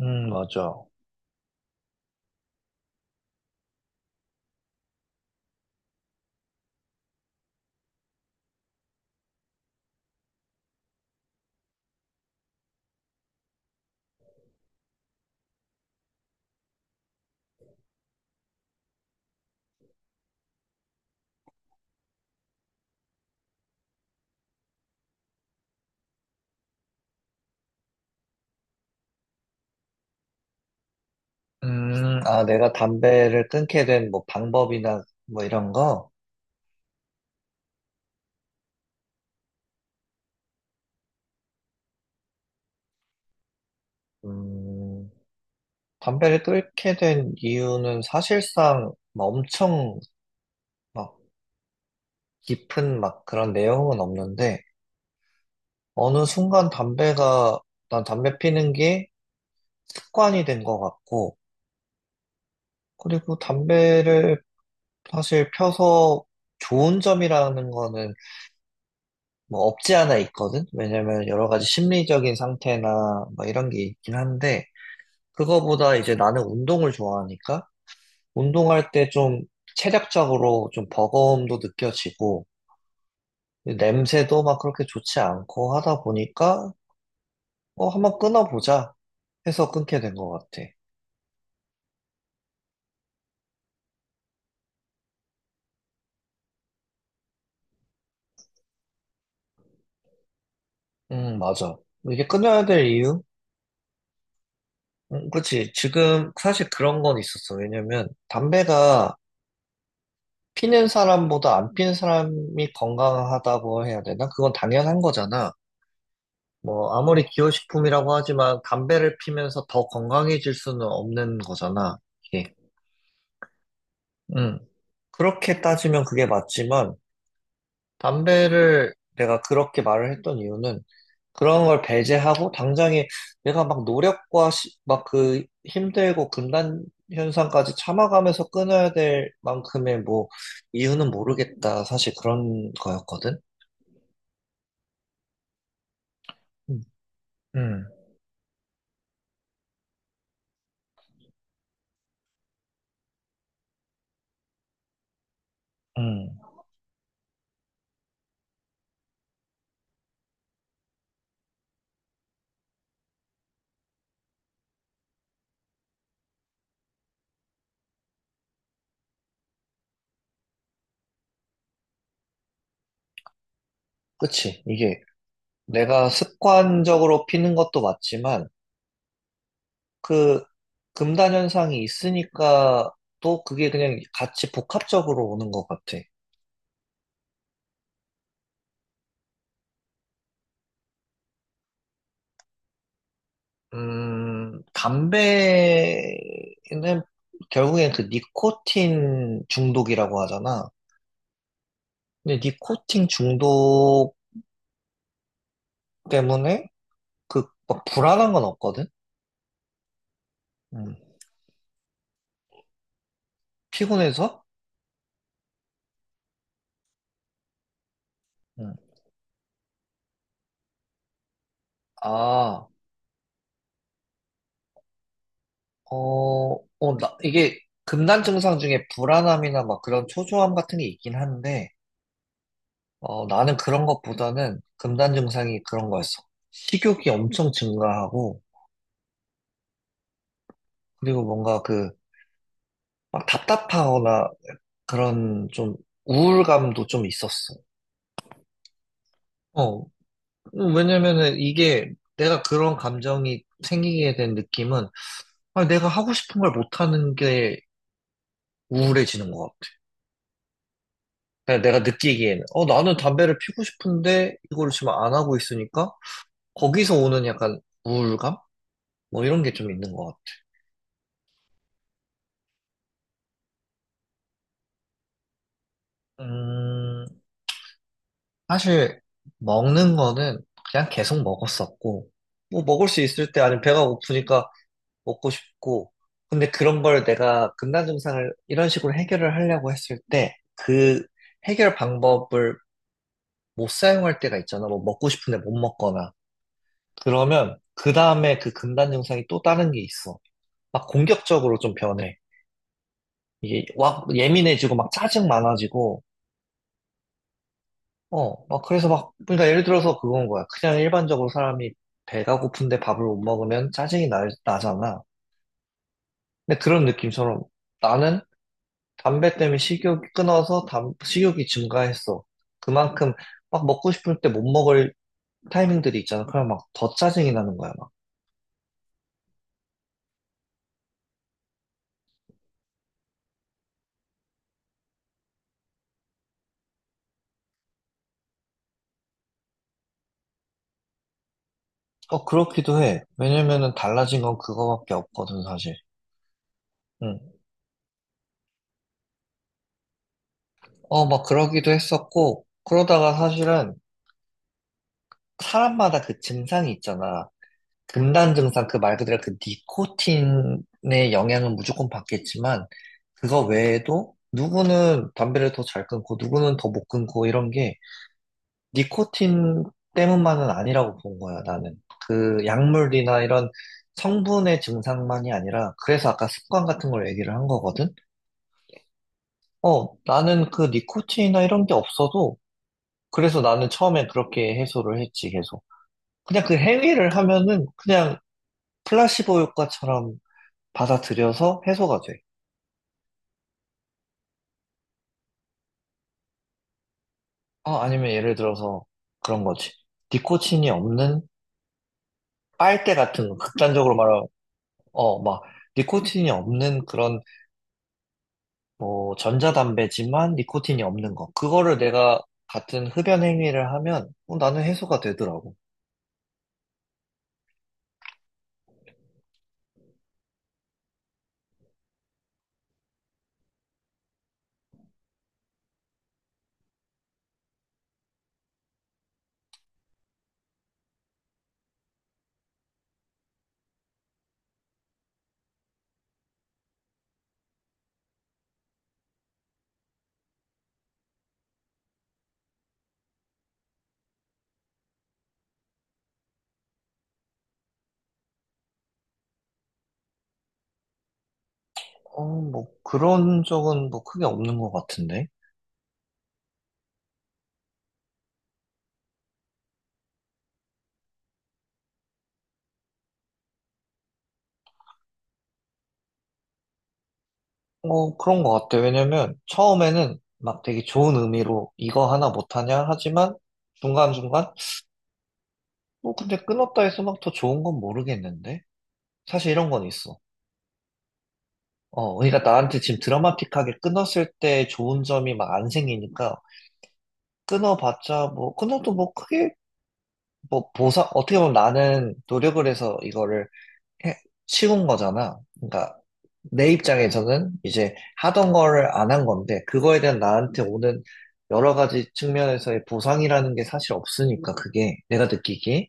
맞아. 아, 내가 담배를 끊게 된 뭐 방법이나 뭐 이런 거, 음, 담배를 끊게 된 이유는 사실상 막 엄청 막 깊은 막 그런 내용은 없는데, 어느 순간 담배가, 난 담배 피는 게 습관이 된 것 같고, 그리고 담배를 사실 펴서 좋은 점이라는 거는 뭐 없지 않아 있거든? 왜냐면 여러 가지 심리적인 상태나 뭐 이런 게 있긴 한데, 그거보다 이제 나는 운동을 좋아하니까 운동할 때 좀 체력적으로 좀 버거움도 느껴지고 냄새도 막 그렇게 좋지 않고 하다 보니까 어, 한번 끊어보자 해서 끊게 된 것 같아. 맞아. 이게 끊어야 될 이유? 그렇지. 지금 사실 그런 건 있었어. 왜냐면 담배가 피는 사람보다 안 피는 사람이 건강하다고 해야 되나? 그건 당연한 거잖아. 뭐, 아무리 기호식품이라고 하지만 담배를 피면서 더 건강해질 수는 없는 거잖아, 이게. 음. 그렇게 따지면 그게 맞지만, 담배를 내가 그렇게 말을 했던 이유는 그런 걸 배제하고 당장에 내가 막 노력과 막 그 힘들고 금단 현상까지 참아가면서 끊어야 될 만큼의 뭐 이유는 모르겠다. 사실 그런 거였거든. 음. 음. 음. 그치. 이게 내가 습관적으로 피는 것도 맞지만 그 금단 현상이 있으니까 또 그게 그냥 같이 복합적으로 오는 것 같아. 담배는 결국엔 그 니코틴 중독이라고 하잖아. 근데 니코틴 중독 때문에 그 막 불안한 건 없거든? 음, 피곤해서? 음, 아, 어, 나, 이게 금단 증상 중에 불안함이나 막 그런 초조함 같은 게 있긴 한데, 어, 나는 그런 것보다는 금단 증상이 그런 거였어. 식욕이 엄청 증가하고, 그리고 뭔가 그, 막 답답하거나 그런 좀 우울감도 좀 있었어. 어, 왜냐면은 이게 내가 그런 감정이 생기게 된 느낌은, 아, 내가 하고 싶은 걸 못하는 게 우울해지는 것 같아. 그냥 내가 느끼기에는, 어, 나는 담배를 피우고 싶은데 이걸 지금 안 하고 있으니까, 거기서 오는 약간 우울감? 뭐 이런 게 좀 있는 것 같아. 사실 먹는 거는 그냥 계속 먹었었고 뭐 먹을 수 있을 때 아니면 배가 고프니까 먹고 싶고 근데 그런 걸 내가 금단 증상을 이런 식으로 해결을 하려고 했을 때 그 해결 방법을 못 사용할 때가 있잖아 뭐 먹고 싶은데 못 먹거나 그러면 그 다음에 그 금단 증상이 또 다른 게 있어 막 공격적으로 좀 변해 이게 막 예민해지고 막 짜증 많아지고 어, 막 그래서 막, 그러니까 예를 들어서 그건 거야. 그냥 일반적으로 사람이 배가 고픈데 밥을 못 먹으면 짜증이 나잖아. 근데 그런 느낌처럼 나는 담배 때문에 식욕이 끊어서 식욕이 증가했어. 그만큼 막 먹고 싶을 때 못 먹을 타이밍들이 있잖아. 그럼 막 더 짜증이 나는 거야, 막. 어, 그렇기도 해. 왜냐면은 달라진 건 그거밖에 없거든, 사실. 응. 어, 막 그러기도 했었고, 그러다가 사실은 사람마다 그 증상이 있잖아. 금단 증상 그 말 그대로 그 니코틴의 영향은 무조건 받겠지만 그거 외에도 누구는 담배를 더 잘 끊고 누구는 더 못 끊고 이런 게 니코틴 때문만은 아니라고 본 거야 나는 그 약물이나 이런 성분의 증상만이 아니라 그래서 아까 습관 같은 걸 얘기를 한 거거든 어 나는 그 니코틴이나 이런 게 없어도 그래서 나는 처음에 그렇게 해소를 했지 계속 그냥 그 행위를 하면은 그냥 플라시보 효과처럼 받아들여서 해소가 돼. 어, 아니면 예를 들어서 그런 거지. 니코틴이 없는 빨대 같은 거, 극단적으로 말하면, 어, 막, 니코틴이 없는 그런, 뭐, 전자담배지만 니코틴이 없는 거. 그거를 내가 같은 흡연 행위를 하면, 어, 나는 해소가 되더라고. 어, 뭐, 그런 적은 뭐 크게 없는 것 같은데. 어, 그런 것 같아. 왜냐면, 처음에는 막 되게 좋은 의미로 이거 하나 못하냐? 하지만, 중간중간, 뭐 근데 끊었다 해서 막 더 좋은 건 모르겠는데? 사실 이런 건 있어. 어, 그러니까 나한테 지금 드라마틱하게 끊었을 때 좋은 점이 막 안 생기니까 끊어봤자 뭐 끊어도 뭐 크게 뭐 보상 어떻게 보면 나는 노력을 해서 이거를 해, 치운 거잖아. 그러니까 내 입장에서는 이제 하던 거를 안 한 건데 그거에 대한 나한테 오는 여러 가지 측면에서의 보상이라는 게 사실 없으니까 그게 내가 느끼기에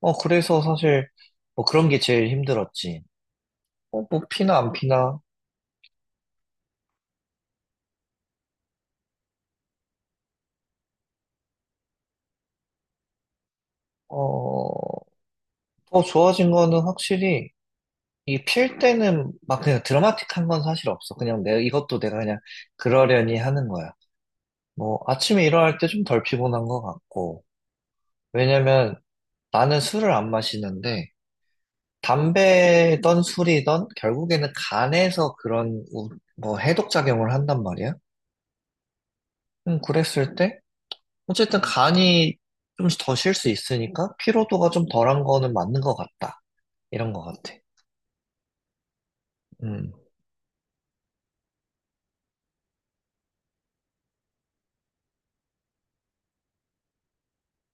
어 그래서 사실 뭐 그런 게 제일 힘들었지. 어, 뭐 피나 안 피나? 어, 더 좋아진 거는 확실히 이 필 때는 막 그냥 드라마틱한 건 사실 없어. 그냥 내 이것도 내가 그냥 그러려니 하는 거야. 뭐 아침에 일어날 때 좀 덜 피곤한 것 같고 왜냐면 나는 술을 안 마시는데 담배든 술이든 결국에는 간에서 그런 뭐 해독 작용을 한단 말이야. 그랬을 때 어쨌든 간이 좀 더 쉴 수 있으니까 피로도가 좀 덜한 거는 맞는 것 같다. 이런 것 같아. 음,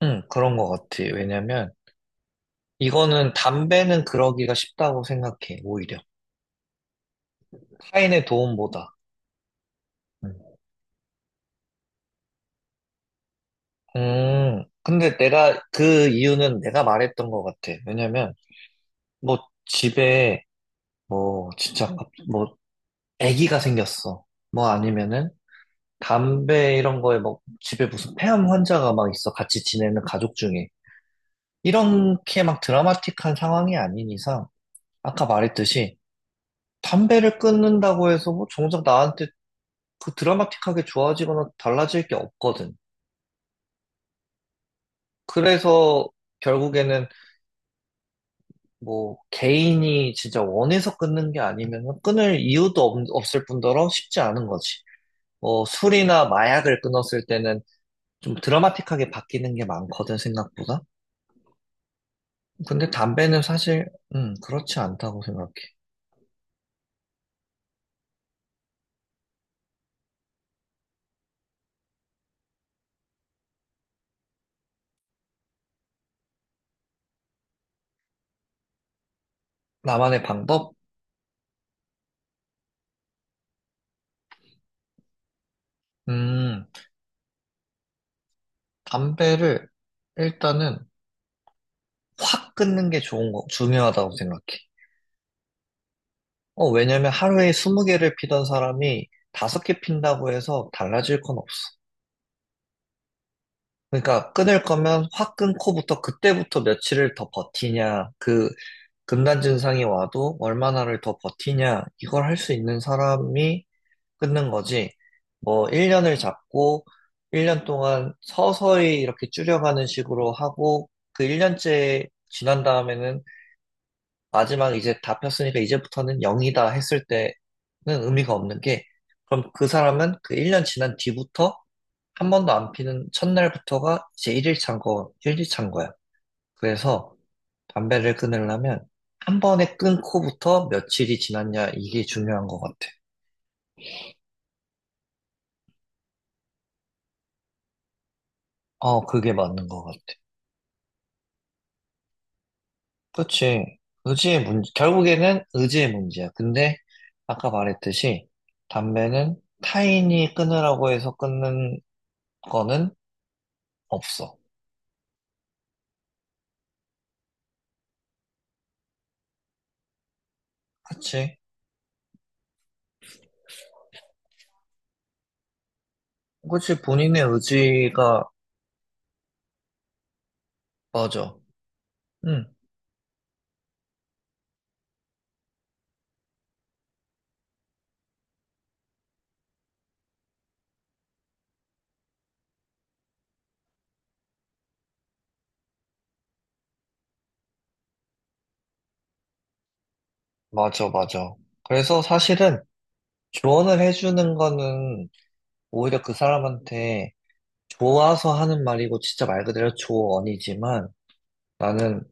그런 것 같아. 왜냐면, 이거는 담배는 그러기가 쉽다고 생각해, 오히려. 타인의 도움보다. 음, 근데 내가, 그 이유는 내가 말했던 것 같아. 왜냐면, 뭐, 집에, 뭐, 진짜, 뭐, 아기가 생겼어. 뭐 아니면은, 담배 이런 거에 뭐, 집에 무슨 폐암 환자가 막 있어. 같이 지내는 가족 중에. 이렇게 막 드라마틱한 상황이 아닌 이상, 아까 말했듯이, 담배를 끊는다고 해서 뭐 정작 나한테 그 드라마틱하게 좋아지거나 달라질 게 없거든. 그래서 결국에는 뭐 개인이 진짜 원해서 끊는 게 아니면 끊을 이유도 없을 뿐더러 쉽지 않은 거지. 뭐 술이나 마약을 끊었을 때는 좀 드라마틱하게 바뀌는 게 많거든, 생각보다. 근데 담배는 사실, 그렇지 않다고 생각해. 나만의 방법? 음, 담배를 일단은 확 끊는 게 좋은 거, 중요하다고 생각해. 어, 왜냐면 하루에 20개를 피던 사람이 5개 핀다고 해서 달라질 건 없어. 그러니까 끊을 거면 확 끊고부터 그때부터 며칠을 더 버티냐, 그 금단 증상이 와도 얼마나를 더 버티냐, 이걸 할 수 있는 사람이 끊는 거지. 뭐 1년을 잡고 1년 동안 서서히 이렇게 줄여가는 식으로 하고 그 1년째 지난 다음에는 마지막 이제 다 폈으니까 이제부터는 0이다 했을 때는 의미가 없는 게 그럼 그 사람은 그 1년 지난 뒤부터 한 번도 안 피는 첫날부터가 이제 1일 찬 거, 일 일 찬 거야. 그래서 담배를 끊으려면 한 번에 끊고부터 며칠이 지났냐 이게 중요한 것 같아. 어, 그게 맞는 것 같아. 그치. 의지의 문제, 결국에는 의지의 문제야. 근데 아까 말했듯이 담배는 타인이 끊으라고 해서 끊는 거는 없어. 그치. 그치, 본인의 의지가, 맞아. 응, 맞아, 맞아. 그래서 사실은 조언을 해주는 거는 오히려 그 사람한테 좋아서 하는 말이고, 진짜 말 그대로 조언이지만, 나는,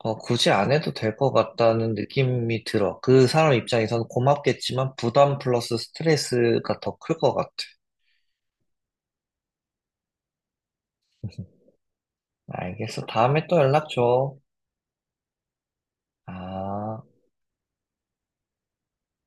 어, 굳이 안 해도 될 것 같다는 느낌이 들어. 그 사람 입장에서는 고맙겠지만, 부담 플러스 스트레스가 더 클 것 같아. 알겠어. 다음에 또 연락 줘. 아.